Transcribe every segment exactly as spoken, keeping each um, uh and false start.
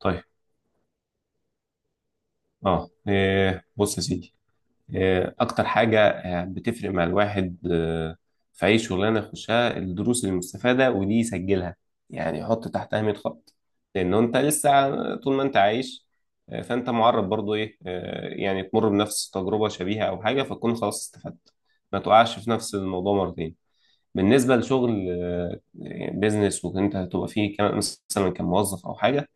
طيب اه إيه، بص يا سيدي. إيه، اكتر حاجه آه، بتفرق مع الواحد آه، في اي شغلانه يخشها الدروس المستفاده ودي يسجلها، يعني يحط تحتها مية خط. لانه انت لسه ع- طول ما انت عايش آه، فانت معرض برضو ايه آه، يعني تمر بنفس تجربه شبيهه او حاجه، فتكون خلاص استفدت ما تقعش في نفس الموضوع مرتين. بالنسبه لشغل آه، بيزنس، وانت هتبقى فيه كمان مثلا كموظف او حاجه،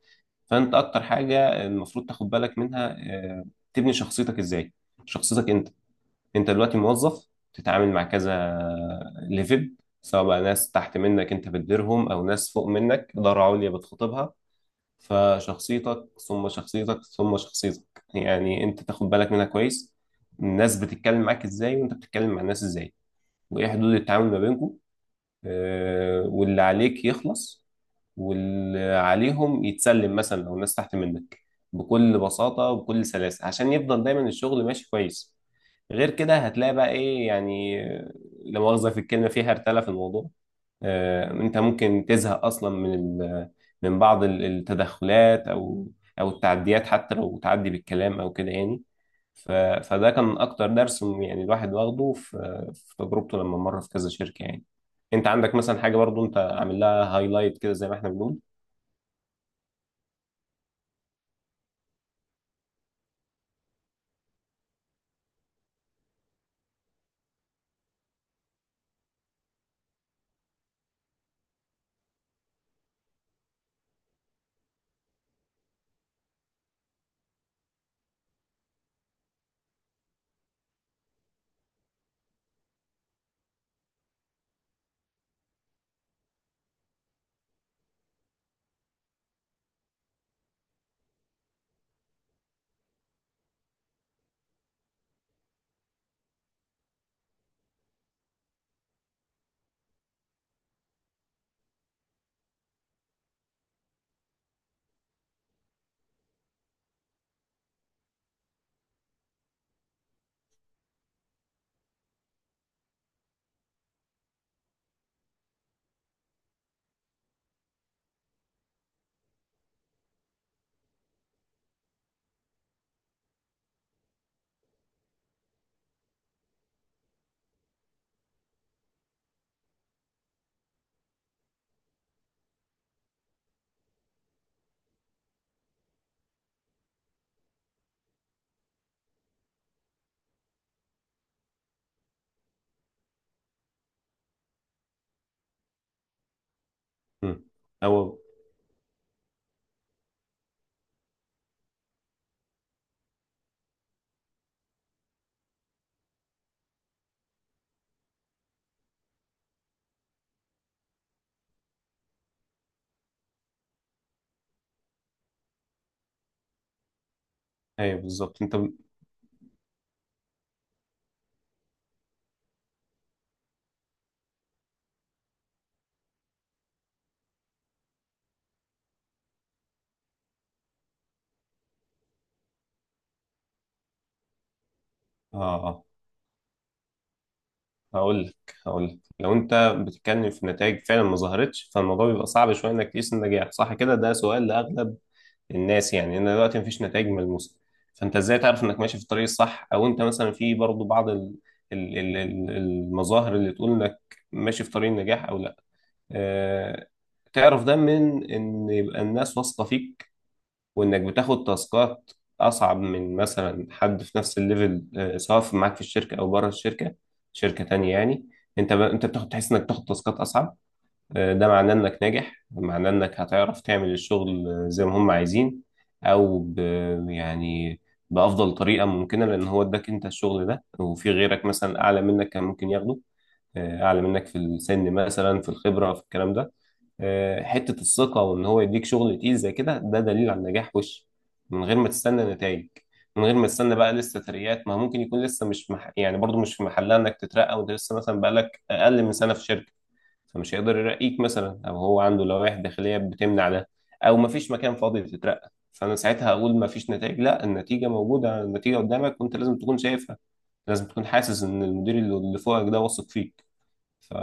فانت اكتر حاجه المفروض تاخد بالك منها آه، تبني شخصيتك ازاي. شخصيتك انت. انت دلوقتي موظف تتعامل مع كذا ليفل، سواء بقى ناس تحت منك انت بتديرهم، او ناس فوق منك اداره عليا بتخاطبها. فشخصيتك ثم شخصيتك ثم شخصيتك، يعني انت تاخد بالك منها كويس. الناس بتتكلم معاك ازاي، وانت بتتكلم مع الناس ازاي، وايه حدود التعامل ما بينكم. آه، واللي عليك يخلص واللي عليهم يتسلم، مثلا لو الناس تحت منك، بكل بساطة وبكل سلاسة، عشان يفضل دايما الشغل ماشي كويس. غير كده هتلاقي بقى ايه يعني، لا مؤاخذة في الكلمة، في هرتلة في الموضوع. آه، انت ممكن تزهق اصلا من ال- من بعض ال- التدخلات او او التعديات، حتى لو تعدي بالكلام او كده يعني. ف- فده كان اكتر درس يعني الواحد واخده في في تجربته لما مر في كذا شركة يعني. انت عندك مثلا حاجة، برضو انت عامل لها هايلايت كده زي ما احنا بنقول؟ مم. أو أيوه بالظبط. أنت ب- آه آه هقول لك. هقول لك لو أنت بتتكلم في نتائج فعلا ما ظهرتش، فالموضوع بيبقى صعب شوية إنك تقيس النجاح، صح كده؟ ده سؤال لأغلب الناس، يعني إن دلوقتي مفيش نتائج ملموسة، فأنت إزاي تعرف إنك ماشي في الطريق الصح؟ أو أنت مثلا في برضو بعض ال... ال... ال... ال- المظاهر اللي تقول إنك ماشي في طريق النجاح أو لأ. آه... تعرف ده من إن يبقى الناس واثقة فيك، وانك بتاخد تاسكات اصعب من مثلا حد في نفس الليفل آه، سواء في- معاك في الشركه او بره الشركه، شركه تانية يعني. انت ب... انت بتاخد، تحس انك بتاخد تاسكات اصعب آه، ده معناه انك ناجح، معناه انك هتعرف تعمل الشغل آه، زي ما هم عايزين او ب... يعني بافضل طريقه ممكنه، لان هو اداك انت الشغل ده وفي غيرك مثلا اعلى منك كان ممكن ياخده آه، اعلى منك في السن مثلا، في الخبره، في الكلام ده. آه، حتة الثقة وإن هو يديك شغل تقيل زي كده، ده دليل على النجاح وش، من غير ما تستنى نتائج. من غير ما تستنى بقى لسه ترقيات، ما ممكن يكون لسه مش مح... يعني برضو مش في محلها إنك تترقى وأنت لسه مثلا بقالك أقل من سنة في شركة، فمش هيقدر يرقيك مثلا، أو هو عنده لوائح داخلية بتمنع ده، أو مفيش مكان فاضي تترقى. فأنا ساعتها هقول مفيش نتائج؟ لا، النتيجة موجودة، النتيجة قدامك وأنت لازم تكون شايفها. لازم تكون حاسس إن المدير اللي اللي فوقك ده واثق فيه ف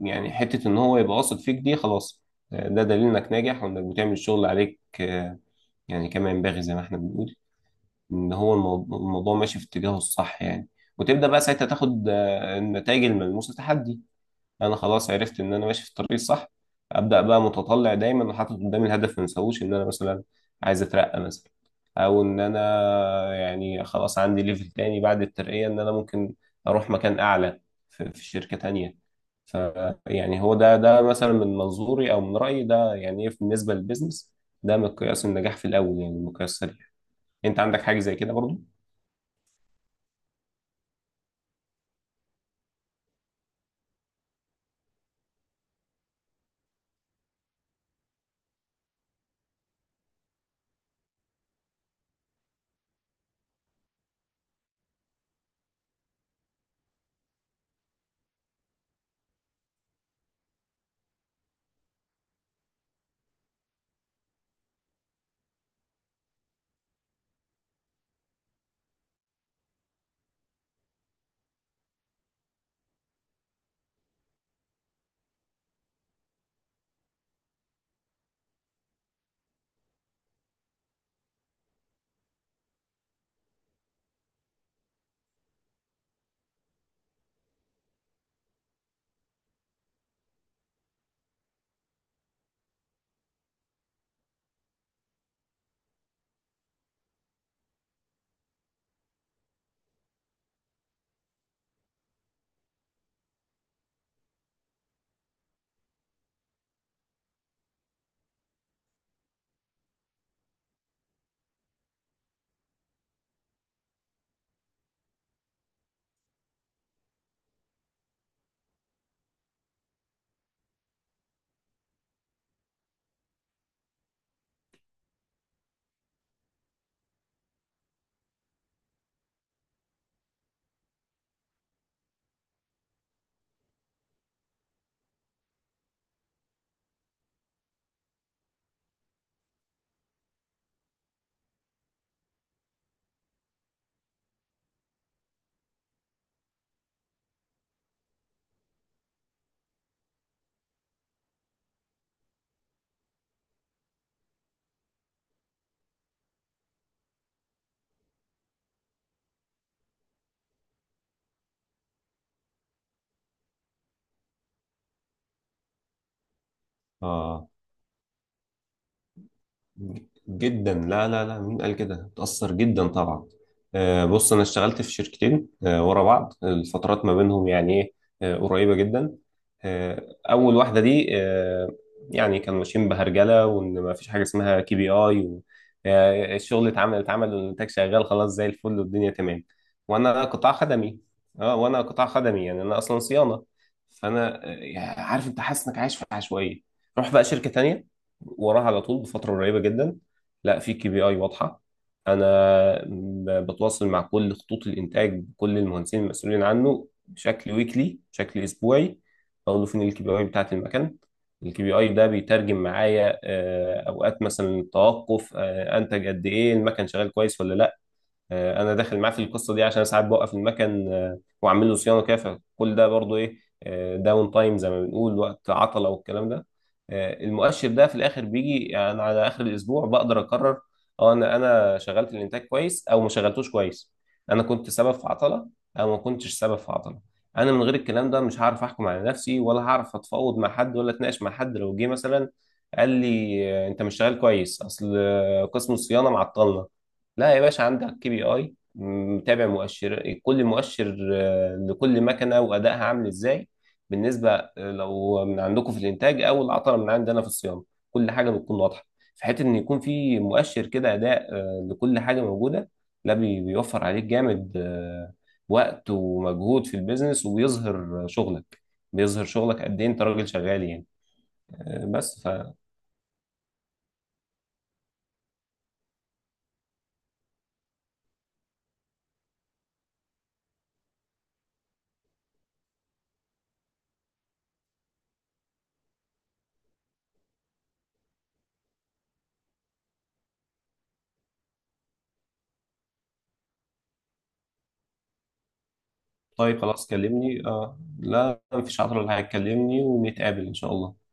يعني حتة إن هو يبقى واثق فيك دي خلاص، ده دليل إنك ناجح وإنك بتعمل الشغل عليك آه، يعني كما ينبغي، زي ما إحنا بنقول إن هو الموضوع, الموضوع ماشي في اتجاهه الصح يعني. وتبدأ بقى ساعتها تاخد آه، النتائج الملموسة تحدي، انا خلاص عرفت ان انا ماشي في الطريق الصح. ابدا بقى متطلع دايما وحاطط قدامي الهدف، ما انساهوش، ان انا مثلا عايز اترقى مثلا، او ان انا يعني خلاص عندي ليفل تاني بعد الترقية، ان انا ممكن اروح مكان اعلى في, في شركة تانية. ف يعني هو ده ده مثلا من منظوري او من رأيي، ده يعني ايه بالنسبة للبيزنس؟ ده مقياس النجاح في الاول، يعني مقياس سريع. انت عندك حاجة زي كده؟ برضو جدا. لا لا لا، مين قال كده؟ بتأثر جدا طبعا. آه، بص انا اشتغلت في شركتين آه، ورا بعض، الفترات ما بينهم يعني ايه آه، قريبة جدا. آه، اول واحدة دي آه، يعني كانوا ماشيين بهرجلة، وان ما فيش حاجة اسمها كي بي اي، و آه، الشغل اتعمل اتعمل والانتاج شغال خلاص زي الفل والدنيا تمام. وانا قطاع خدمي. اه وانا قطاع خدمي، يعني انا اصلا صيانة. فانا آه، عارف، انت حاسس انك عايش في عشوائية. روح بقى شركة تانية وراها على طول بفترة قريبة جدا، لا، في كي بي اي واضحة. انا ب- بتواصل مع كل خطوط الانتاج، بكل المهندسين المسؤولين عنه، بشكل ويكلي بشكل اسبوعي. بقول له فين الكي بي اي بتاعت المكان. الكي بي اي ده بيترجم معايا آه، اوقات مثلا توقف آه، انتج قد ايه، المكن شغال كويس ولا لا. آه، انا داخل معاه في القصه دي، عشان ساعات بوقف المكن آه، واعمل له صيانه كده، فكل ده برضو ايه، داون تايم زي ما بنقول، وقت عطله والكلام ده. آه، المؤشر ده في الاخر بيجي يعني على اخر الاسبوع بقدر اقرر، اه انا انا شغلت الانتاج كويس او ما شغلتوش كويس، انا كنت سبب في عطله او ما كنتش سبب في عطله. انا من غير الكلام ده مش هعرف احكم على نفسي، ولا هعرف اتفاوض مع حد، ولا اتناقش مع حد لو جه مثلا قال لي آه، انت مش شغال كويس، اصل آه، قسم الصيانه معطلنا. لا يا باشا، عندك كي بي اي متابع، مؤشر، كل مؤشر آه، لكل مكنه، وادائها عامل ازاي بالنسبه آه، لو من عندكم في الانتاج، او العطله من عندنا في الصيانه، كل حاجه بتكون واضحه. في حته ان يكون في مؤشر كده اداء آه، لكل حاجه موجوده، ده بي- بيوفر عليك جامد آه، وقت ومجهود في البيزنس، وبيظهر شغلك. بيظهر شغلك قد ايه انت راجل شغال يعني. آه، بس ف طيب خلاص كلمني. اه لا، مفيش عطله، اللي هيكلمني ونتقابل ان شاء الله.